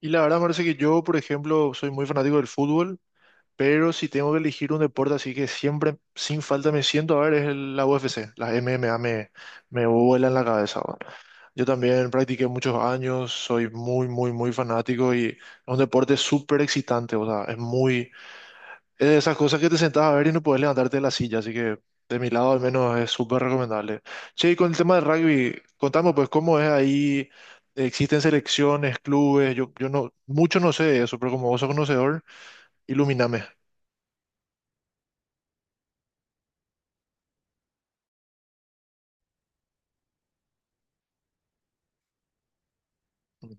Y la verdad, parece que yo, por ejemplo, soy muy fanático del fútbol, pero si tengo que elegir un deporte así que siempre, sin falta, me siento a ver, es la UFC. Las MMA me vuelan la cabeza, ¿no? Yo también practiqué muchos años, soy muy fanático y es un deporte súper excitante, o sea, es de esas cosas que te sentás a ver y no puedes levantarte de la silla, así que de mi lado al menos es súper recomendable. Che, y con el tema del rugby, contame pues cómo es ahí, existen selecciones, clubes, yo no, mucho no sé de eso, pero como vos sos conocedor, ilumíname. Ujú.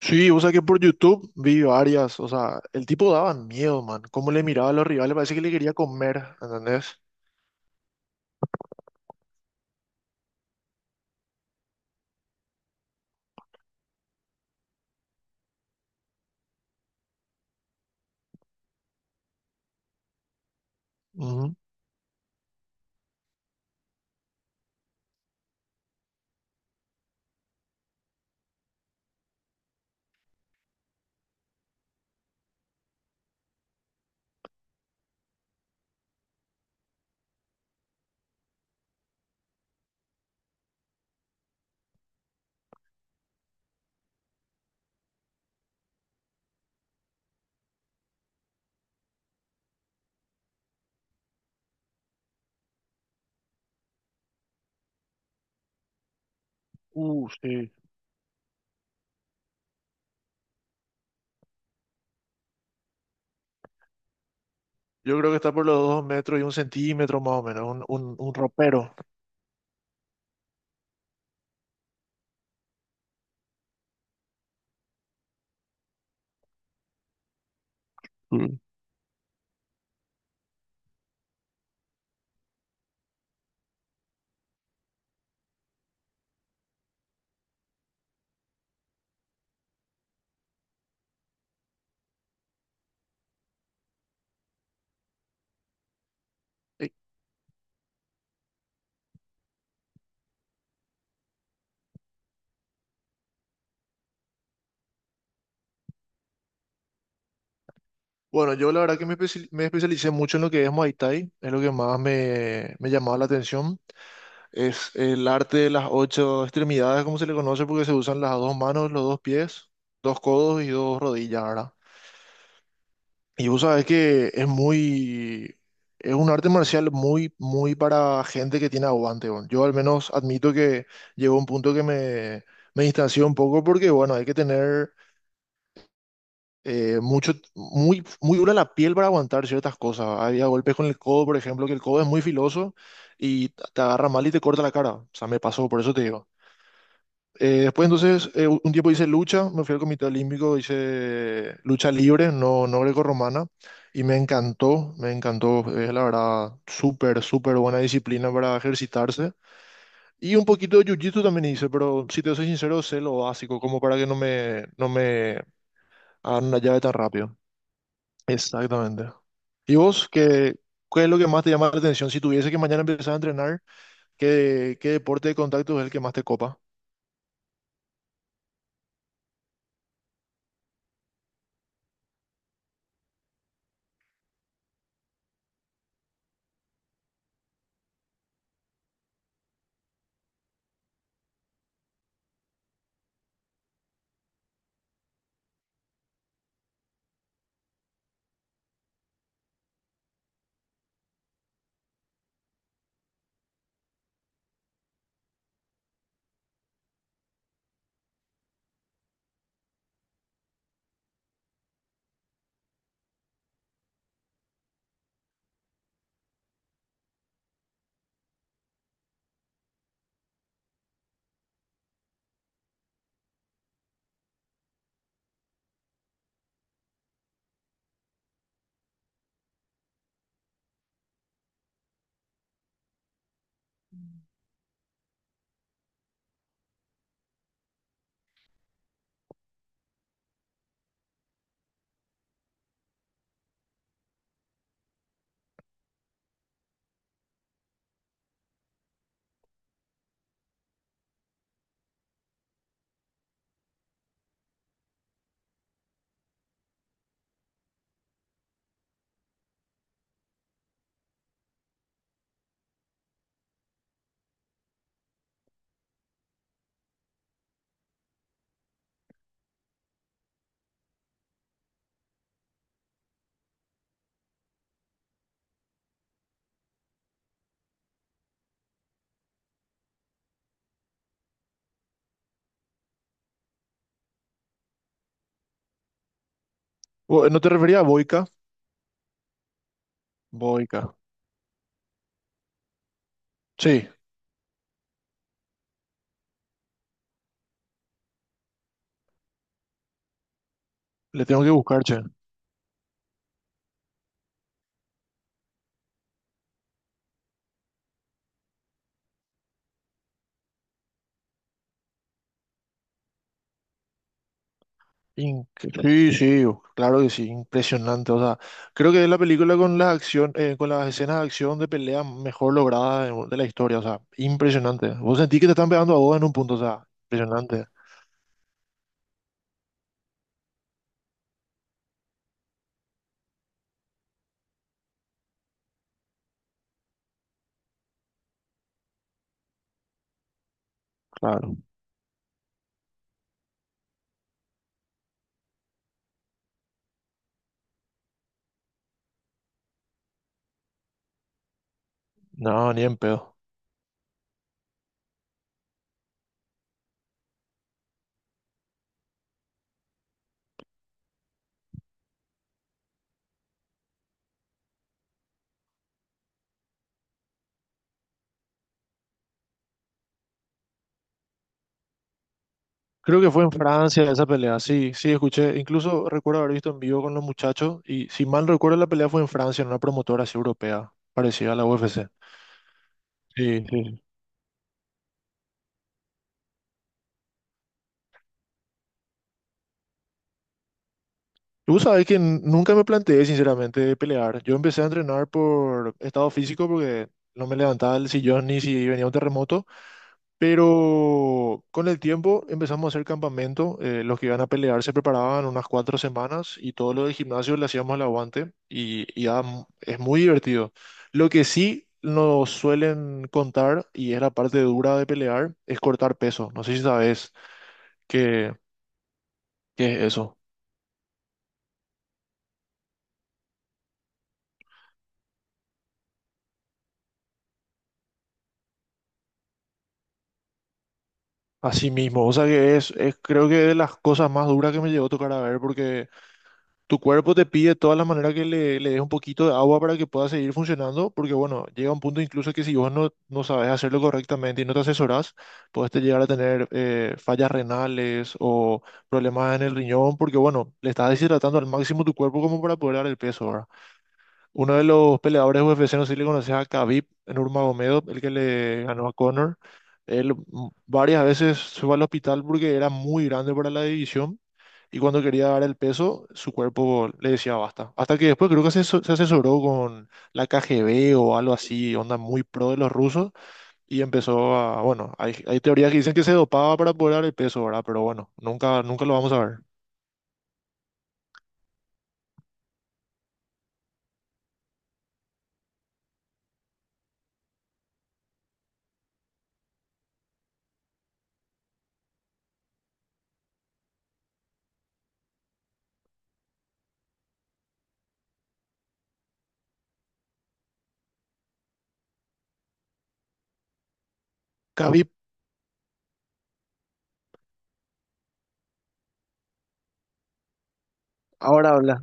Sí, o sea que por YouTube vi varias, o sea, el tipo daba miedo, man, cómo le miraba a los rivales, parece que le quería comer, ¿entendés? Ujú. Sí. Yo creo que está por los dos metros y un centímetro más o menos, un, ropero. Mm. Bueno, yo la verdad que me especialicé mucho en lo que es Muay Thai, es lo que más me llamaba la atención. Es el arte de las ocho extremidades, como se le conoce, porque se usan las dos manos, los dos pies, dos codos y dos rodillas, ¿verdad? Y vos sabés que es un arte marcial muy para gente que tiene aguante. Bueno, yo al menos admito que llegó un punto que me distancié un poco porque, bueno, hay que tener mucho, muy dura la piel para aguantar ciertas cosas. Había golpes con el codo, por ejemplo, que el codo es muy filoso y te agarra mal y te corta la cara. O sea, me pasó, por eso te digo. Después, entonces, un tiempo hice lucha, me fui al Comité Olímpico, hice lucha libre, no grecorromana, y me encantó, me encantó. Es la verdad, súper buena disciplina para ejercitarse. Y un poquito de jiu-jitsu también hice, pero si te soy sincero, sé lo básico, como para que no me hagan una llave tan rápido. Exactamente. ¿Y vos qué es lo que más te llama la atención? Si tuviese que mañana empezar a entrenar, qué deporte de contacto es el que más te copa? ¿No te refería a Boica? Boica. Sí, le tengo que buscar, che. Inc- Sí, sí, claro que sí, impresionante. O sea, creo que es la película con la acción, con las escenas de acción de pelea mejor lograda de la historia. O sea, impresionante. Vos sentís que te están pegando a vos en un punto, o sea, impresionante. Claro. No, ni en pedo. Creo que fue en Francia esa pelea, sí, sí, escuché, incluso recuerdo haber visto en vivo con los muchachos y si mal recuerdo la pelea fue en Francia, en una promotora así europea, parecida a la UFC. Sí, sí. Tú sabes que nunca me planteé sinceramente de pelear. Yo empecé a entrenar por estado físico porque no me levantaba del sillón ni si venía un terremoto. Pero con el tiempo empezamos a hacer campamento. Los que iban a pelear se preparaban unas cuatro semanas y todo lo del gimnasio le hacíamos el aguante y, es muy divertido. Lo que sí nos suelen contar, y es la parte dura de pelear, es cortar peso. No sé si sabes qué, qué es eso. Así mismo, o sea que es creo que de las cosas más duras que me llegó a tocar a ver, porque tu cuerpo te pide de todas las maneras que le des un poquito de agua para que pueda seguir funcionando, porque bueno, llega un punto incluso que si vos no sabes hacerlo correctamente y no te asesorás, puedes te llegar a tener fallas renales o problemas en el riñón, porque bueno, le estás deshidratando al máximo tu cuerpo como para poder dar el peso, ¿verdad? Uno de los peleadores UFC, no sé si le conoces a Khabib Nurmagomedov, el que le ganó a Conor. Él mm, varias veces se fue al hospital porque era muy grande para la división y cuando quería dar el peso, su cuerpo le decía basta. Hasta que después creo que se asesoró con la KGB o algo así, onda muy pro de los rusos y empezó a, bueno, hay teorías que dicen que se dopaba para poder dar el peso, ¿verdad? Pero bueno, nunca, nunca lo vamos a ver. Khabib ahora habla.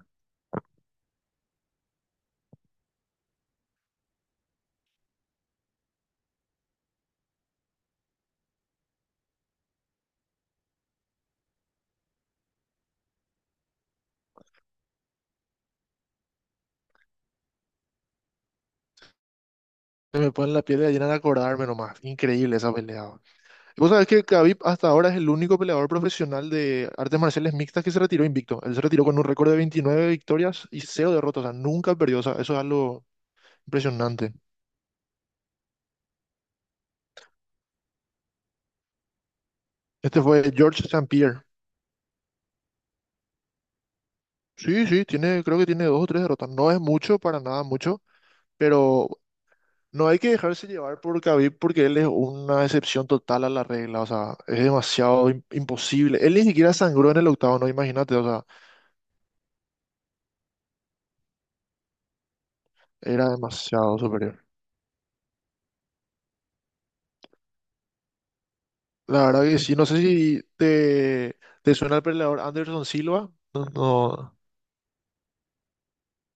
Se me pone la piel de gallina de acordarme nomás. Increíble esa pelea. Vos sabés que Khabib hasta ahora es el único peleador profesional de artes marciales mixtas que se retiró invicto. Él se retiró con un récord de 29 victorias y cero derrotas. O sea, nunca perdió. O sea, eso es algo impresionante. Este fue George St. Pierre. Sí, sí, tiene, creo que tiene dos o tres derrotas. No es mucho, para nada mucho, pero no hay que dejarse llevar por Khabib porque él es una excepción total a la regla. O sea, es demasiado imposible. Él ni siquiera sangró en el octavo, no, imagínate. O sea, era demasiado superior. La verdad que sí, no sé si te suena el peleador Anderson Silva, no, no,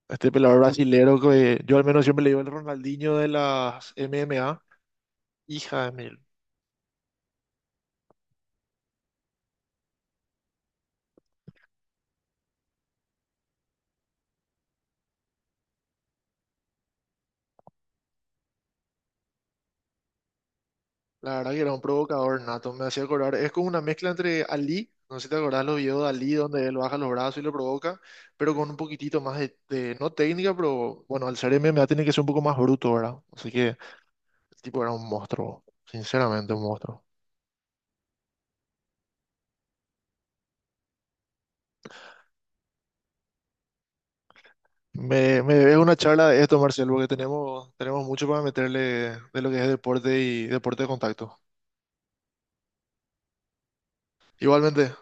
este peleador brasilero que yo al menos siempre le digo el Ronaldinho de las MMA, hija de mil. La verdad que era un provocador nato, me hacía acordar, es como una mezcla entre Ali, no sé si te acordás los videos de Ali donde él baja los brazos y lo provoca, pero con un poquitito más de, no técnica, pero bueno, al ser MMA tiene que ser un poco más bruto, ¿verdad? Así que el tipo era un monstruo, sinceramente un monstruo. Me debes una charla de esto, Marcelo, porque tenemos, tenemos mucho para meterle de lo que es deporte y deporte de contacto. Igualmente.